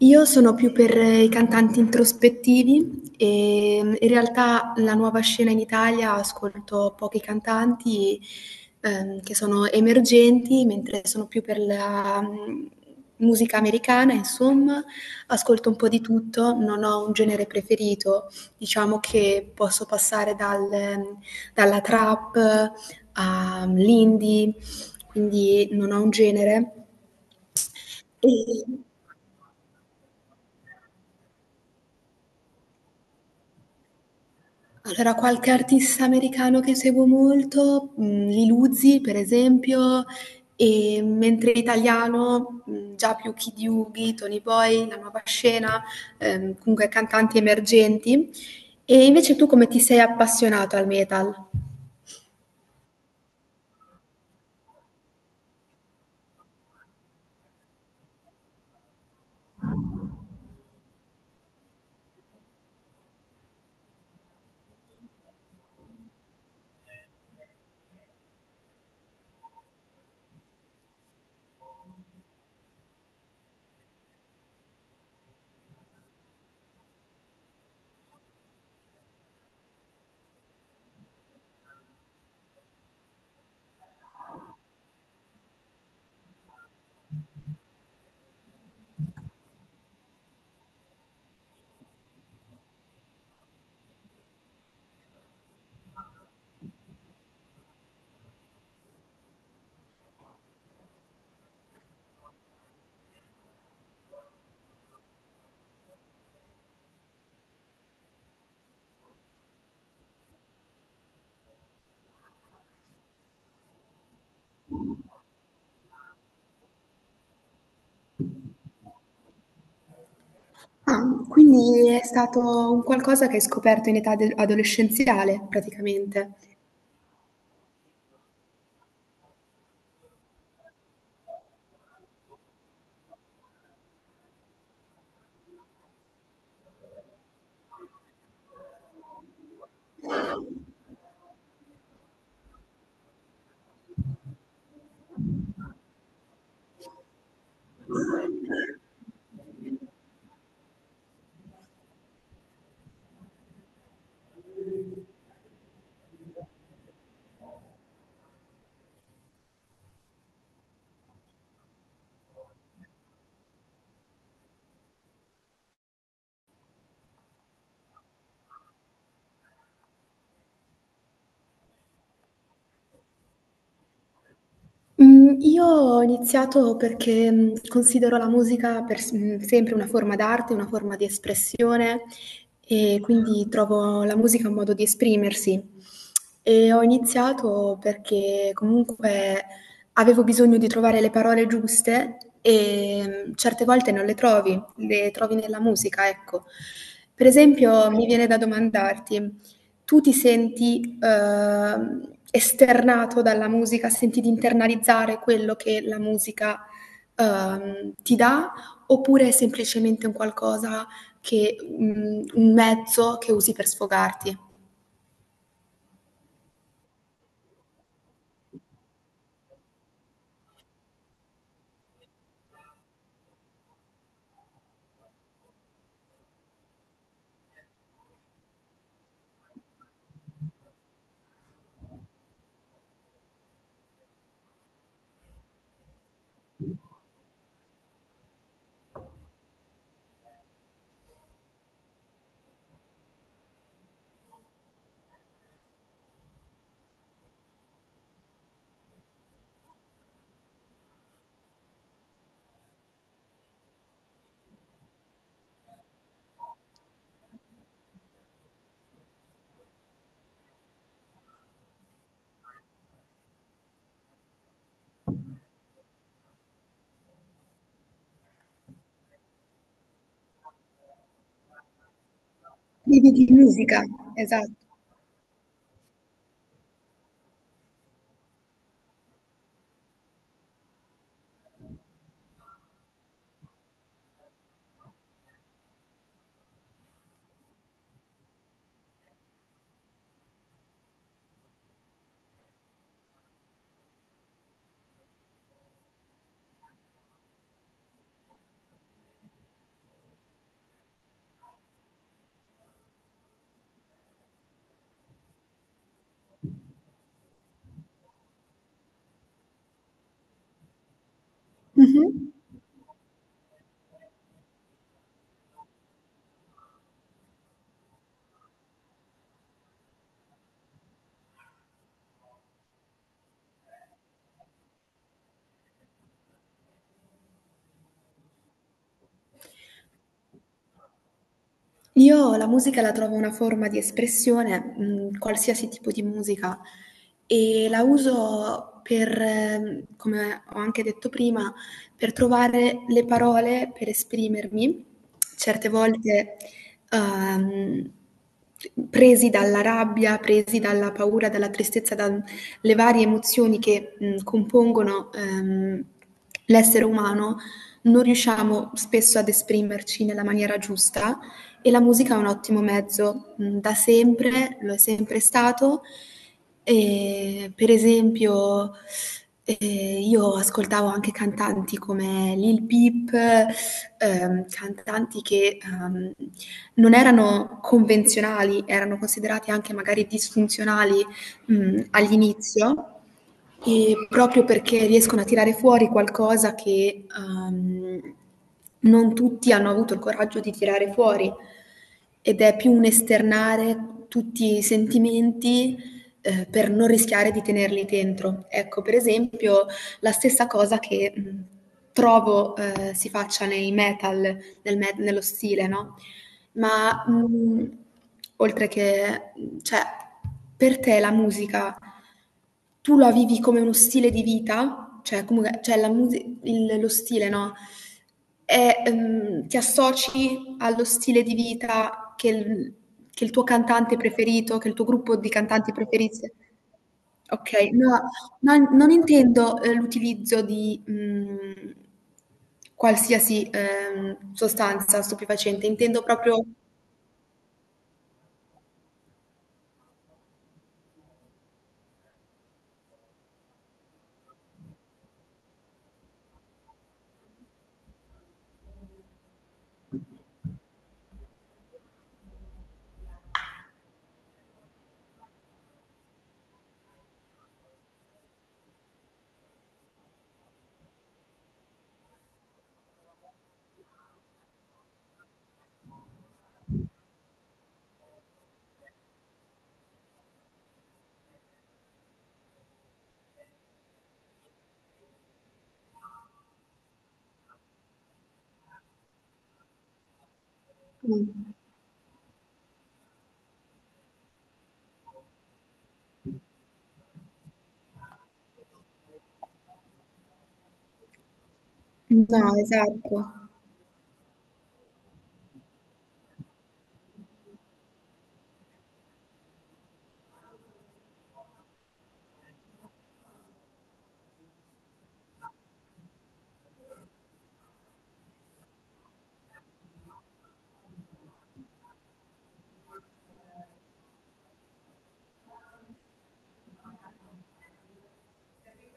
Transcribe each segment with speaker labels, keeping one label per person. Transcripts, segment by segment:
Speaker 1: Io sono più per i cantanti introspettivi e in realtà la nuova scena in Italia ascolto pochi cantanti che sono emergenti, mentre sono più per la musica americana, insomma, ascolto un po' di tutto, non ho un genere preferito, diciamo che posso passare mm, dalla trap all'indie, quindi non ho un genere. E- Allora, qualche artista americano che seguo molto, Lil Uzi per esempio, e mentre italiano, già più Kid Yugi, Tony Boy, La Nuova Scena, comunque cantanti emergenti. E invece tu come ti sei appassionato al metal? Ah, quindi è stato un qualcosa che hai scoperto in età de adolescenziale praticamente. Mhmm, io ho iniziato perché, considero la musica sempre una forma d'arte, una forma di espressione, e quindi trovo la musica un modo di esprimersi. E ho iniziato perché comunque avevo bisogno di trovare le parole giuste e, certe volte non le trovi, le trovi nella musica, ecco. Per esempio mi viene da domandarti: tu ti senti esternato dalla musica, senti di internalizzare quello che la musica ti dà, oppure è semplicemente un qualcosa che, un mezzo che usi per sfogarti? Vivi di musica, esatto. Mh-mh. Io la musica la trovo una forma di espressione, qualsiasi tipo di musica. E la uso per, come ho anche detto prima, per trovare le parole per esprimermi, certe volte, ehm, presi dalla rabbia, presi dalla paura, dalla tristezza, dalle varie emozioni che, compongono, l'essere umano, non riusciamo spesso ad esprimerci nella maniera giusta e la musica è un ottimo mezzo, da sempre, lo è sempre stato. Per esempio, io ascoltavo anche cantanti come Lil Peep, cantanti che, non erano convenzionali, erano considerati anche magari disfunzionali, all'inizio. E proprio perché riescono a tirare fuori qualcosa che non tutti hanno avuto il coraggio di tirare fuori, ed è più un esternare tutti i sentimenti, per non rischiare di tenerli dentro. Ecco, per esempio, la stessa cosa che trovo si faccia nei metal, nello stile, no? Ma, oltre che cioè, per te la musica tu la vivi come uno stile di vita? Cioè comunque cioè la musi il lo stile, no, è ti associ allo stile di vita che il tuo cantante preferito, che il tuo gruppo di cantanti preferisse. Okay, no, non intendo, l'utilizzo di, qualsiasi, sostanza stupefacente, intendo proprio. Mh. No, esatto.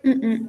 Speaker 1: Mh-mh.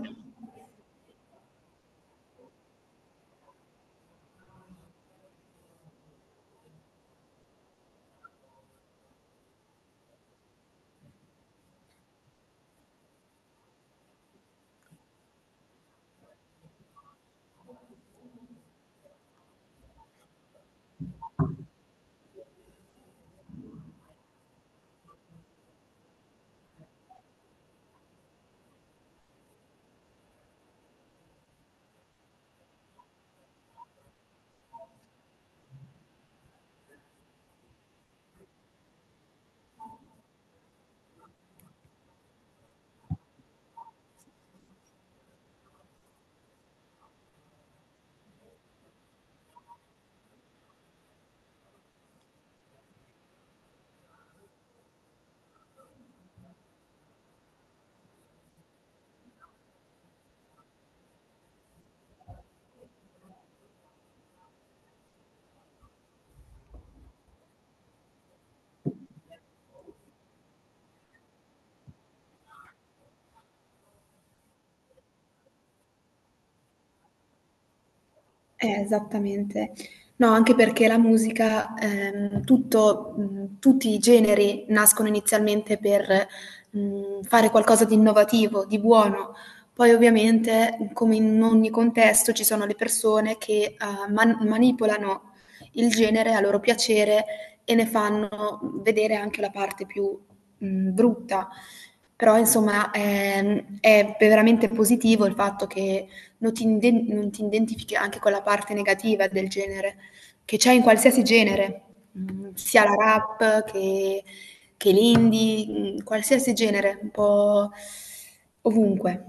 Speaker 1: Esattamente. No, anche perché la musica, tutto, tutti i generi nascono inizialmente per fare qualcosa di innovativo, di buono. Poi ovviamente, come in ogni contesto, ci sono le persone che manipolano il genere a loro piacere e ne fanno vedere anche la parte più brutta. Però, insomma, è veramente positivo il fatto che non ti identifichi anche con la parte negativa del genere, che c'è in qualsiasi genere, mm, sia la rap che l'indie, mm, qualsiasi genere, un po' ovunque.